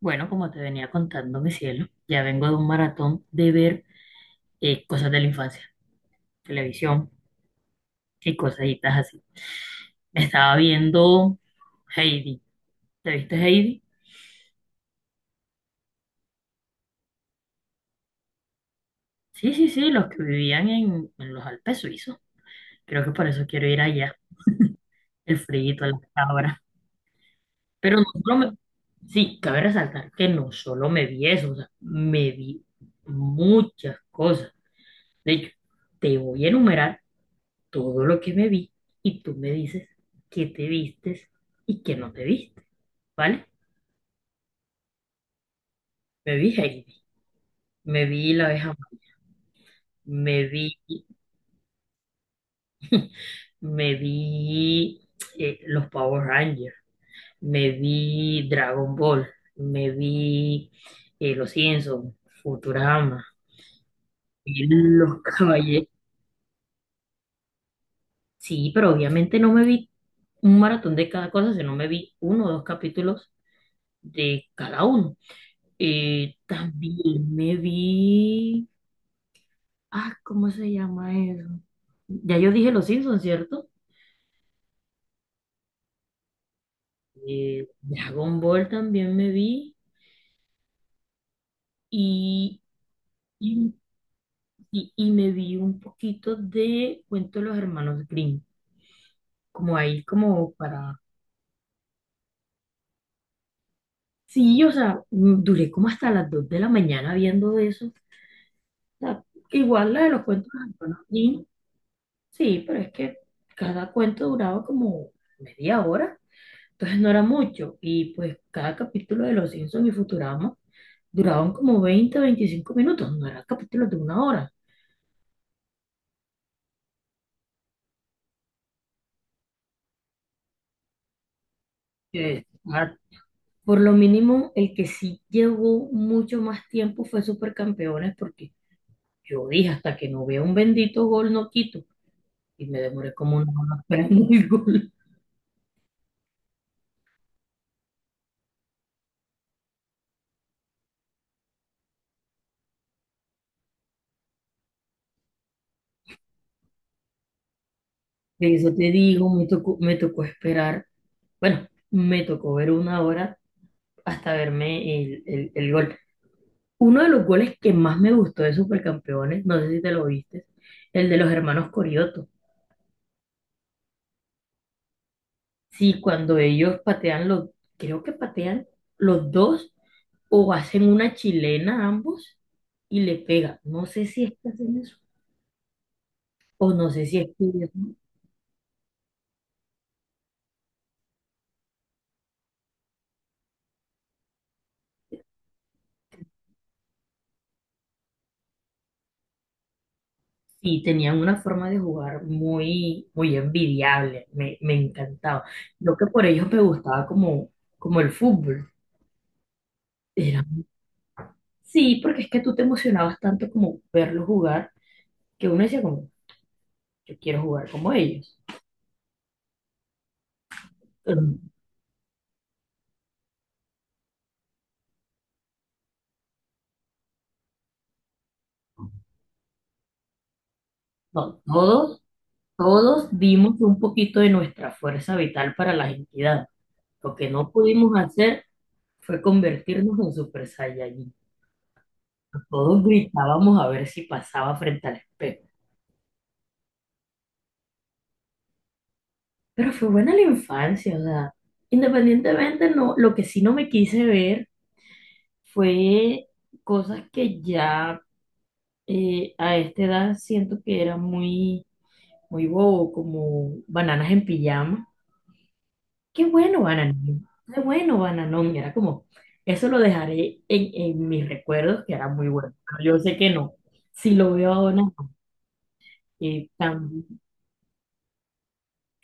Bueno, como te venía contando, mi cielo, ya vengo de un maratón de ver cosas de la infancia, televisión y cositas así. Me estaba viendo Heidi. ¿Te viste Heidi? Sí, sí, sí, los que vivían en los Alpes suizos. Creo que por eso quiero ir allá, el frío, las cabras. Pero no solo me... Sí, cabe resaltar que no solo me vi eso, o sea, me vi muchas cosas. De hecho, te voy a enumerar todo lo que me vi y tú me dices qué te vistes y qué no te viste, ¿vale? Me vi Heidi, me vi la abeja, Maya, me vi, me vi los Power Rangers, me vi Dragon Ball, me vi Los Simpsons, Futurama, y Los Caballeros. Sí, pero obviamente no me vi un maratón de cada cosa, sino me vi uno o dos capítulos de cada uno. También me vi. Ah, ¿cómo se llama eso? Ya yo dije Los Simpsons, ¿cierto? Dragon Ball también me vi y, y, y me vi un poquito de Cuento de los Hermanos Grimm, como ahí, como para... Sí, o sea, duré como hasta las 2 de la mañana viendo eso. O sea, igual la de los cuentos de los hermanos Grimm, sí, pero es que cada cuento duraba como media hora, entonces no era mucho. Y pues cada capítulo de Los Simpsons y Futurama duraban como 20, 25 minutos, no eran capítulos de una hora. Eh, ah, por lo mínimo, el que sí llevó mucho más tiempo fue Supercampeones, porque yo dije, hasta que no vea un bendito gol, no quito. Y me demoré como una hora esperando el gol. De eso te digo, me tocó esperar, bueno, me tocó ver una hora hasta verme el gol. Uno de los goles que más me gustó de Supercampeones, no sé si te lo viste, el de los hermanos Corioto. Sí, cuando ellos patean los, creo que patean los dos o hacen una chilena ambos y le pega. No sé si es que hacen eso o no sé si es que ellos- sí, tenían una forma de jugar muy, muy envidiable. Me encantaba. Lo que por ellos me gustaba como el fútbol. Era- sí, porque es que tú te emocionabas tanto como verlos jugar que uno decía como, yo quiero jugar como ellos. Pero no, no todos. Todos dimos un poquito de nuestra fuerza vital para la entidad. Lo que no pudimos hacer fue convertirnos en Super Saiyajin. Todos gritábamos a ver si pasaba frente al espejo. Pero fue buena la infancia, o sea, independientemente, no, lo que sí no me quise ver fue cosas que ya a esta edad siento que era muy, muy bobo, como bananas en pijama. Qué bueno, Bananón. Qué bueno, Bananón. Era como, eso lo dejaré en mis recuerdos, que era muy bueno. Pero yo sé que no. Si lo veo ahora, no. Eh, tam-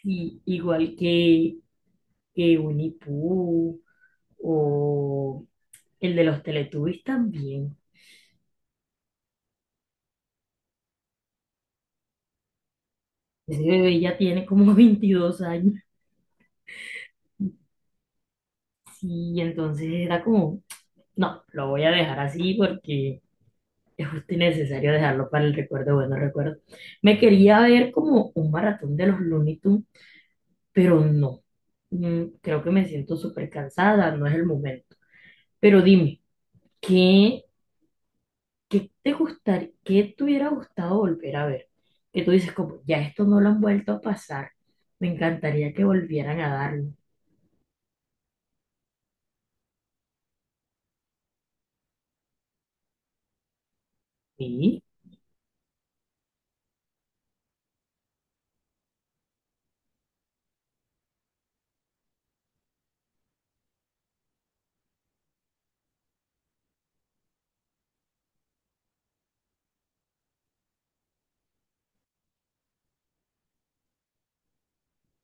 igual que Winnie Pooh o el de los Teletubbies también. Ese bebé ya tiene como 22 años. Sí, entonces era como, no, lo voy a dejar así porque es justo y necesario dejarlo para el recuerdo, bueno recuerdo. Me quería ver como un maratón de los Looney Tunes, pero no. Creo que me siento súper cansada, no es el momento. Pero dime, ¿qué, qué te gustaría, qué te hubiera gustado volver a ver? Que tú dices, como, ya esto no lo han vuelto a pasar, me encantaría que volvieran a darlo. Sí,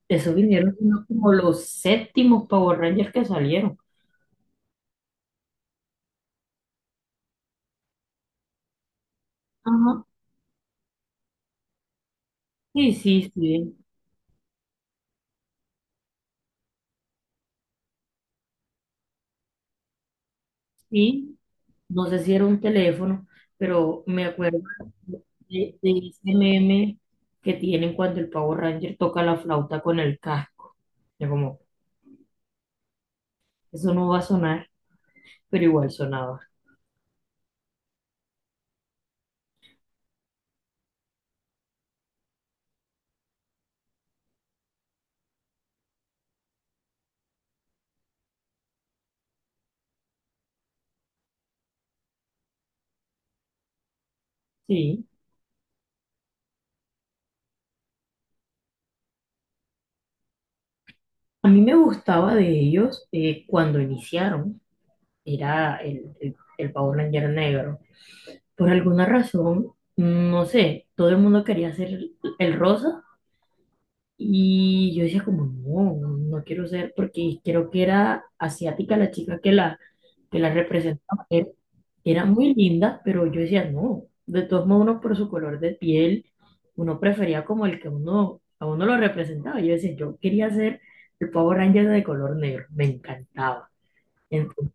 eso vinieron siendo como los séptimos Power Rangers que salieron. Ajá. Sí, sí, sí, sí. No sé si era un teléfono, pero me acuerdo de ese meme que tienen cuando el Power Ranger toca la flauta con el casco. Yo como, eso no va a sonar, pero igual sonaba. Sí. A mí me gustaba de ellos cuando iniciaron, era el Power Ranger negro. Por alguna razón, no sé, todo el mundo quería ser el rosa y yo decía como, no, no, no quiero ser, porque creo que era asiática la chica que la representaba. Era muy linda, pero yo decía, no, de todos modos uno por su color de piel, uno prefería como el que uno, a uno lo representaba. Yo decía, yo quería ser el Power Ranger de color negro, me encantaba. Entonces,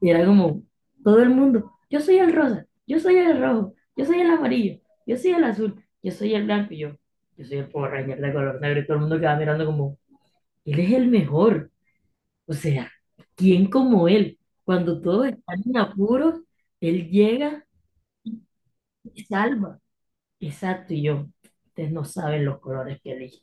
era como todo el mundo, yo soy el rosa, yo soy el rojo, yo soy el amarillo, yo soy el azul, yo soy el blanco, y yo soy el Power Ranger de color negro, y todo el mundo quedaba mirando como, él es el mejor. O sea, ¿quién como él? Cuando todos están en apuros, él llega y salva. Exacto, y yo, ustedes no saben los colores que elige.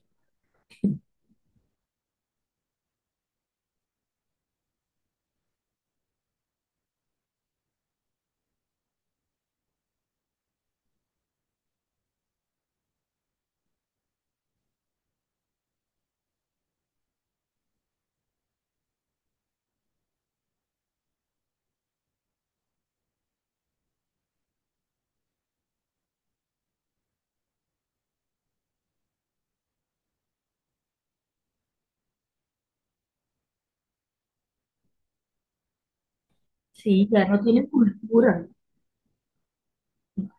Sí, ya no tiene cultura.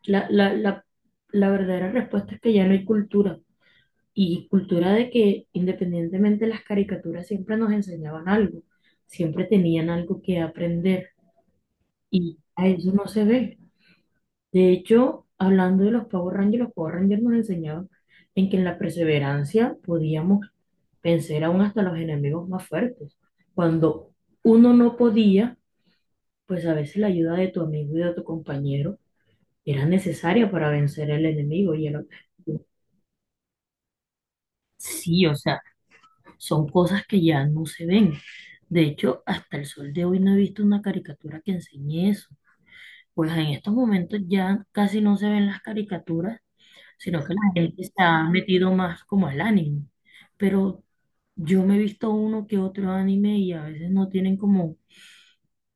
La, la, la, la verdadera respuesta es que ya no hay cultura. Y cultura de que independientemente las caricaturas siempre nos enseñaban algo, siempre tenían algo que aprender y a eso no se ve. De hecho, hablando de los Power Rangers nos enseñaban en que en la perseverancia podíamos vencer aún hasta los enemigos más fuertes. Cuando uno no podía, pues a veces la ayuda de tu amigo y de tu compañero era necesaria para vencer el enemigo y el objetivo. Sí, o sea, son cosas que ya no se ven. De hecho, hasta el sol de hoy no he visto una caricatura que enseñe eso. Pues en estos momentos ya casi no se ven las caricaturas sino que la gente se ha metido más como al anime. Pero yo me he visto uno que otro anime y a veces no tienen como,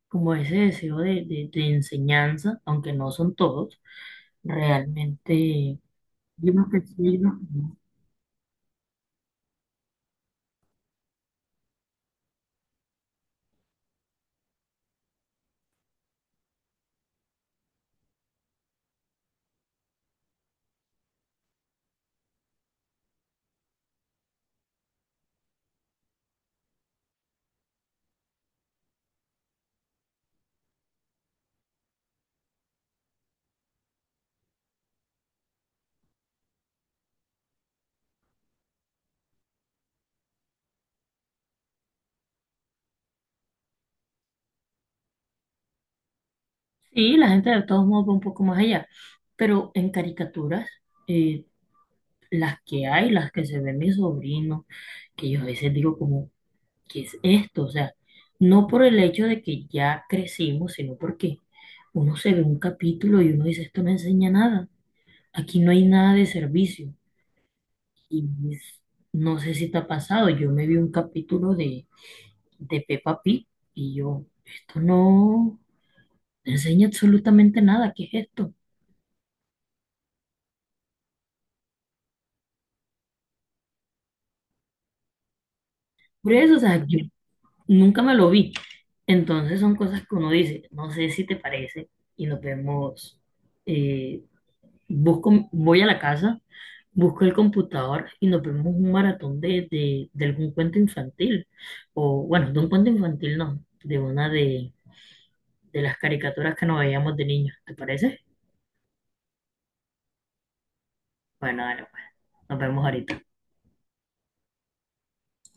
como ese deseo de enseñanza, aunque no son todos, realmente. Hay unos que sí, hay unos que no. Sí, la gente de todos modos va un poco más allá, pero en caricaturas, eh, las que hay, las que se ven mis sobrinos, que yo a veces digo como, ¿qué es esto? O sea, no por el hecho de que ya crecimos, sino porque uno se ve un capítulo y uno dice, esto no enseña nada, aquí no hay nada de servicio. Y pues, no sé si te ha pasado, yo me vi un capítulo de Peppa Pig y yo, esto no enseña absolutamente nada, ¿qué es esto? Por eso, o sea, yo nunca me lo vi. Entonces son cosas que uno dice, no sé si te parece y nos vemos. Eh, busco, voy a la casa, busco el computador y nos vemos un maratón de, de algún cuento infantil. O bueno, de un cuento infantil no, de una de las caricaturas que nos veíamos de niños. ¿Te parece? Bueno, dale, pues. Nos vemos ahorita.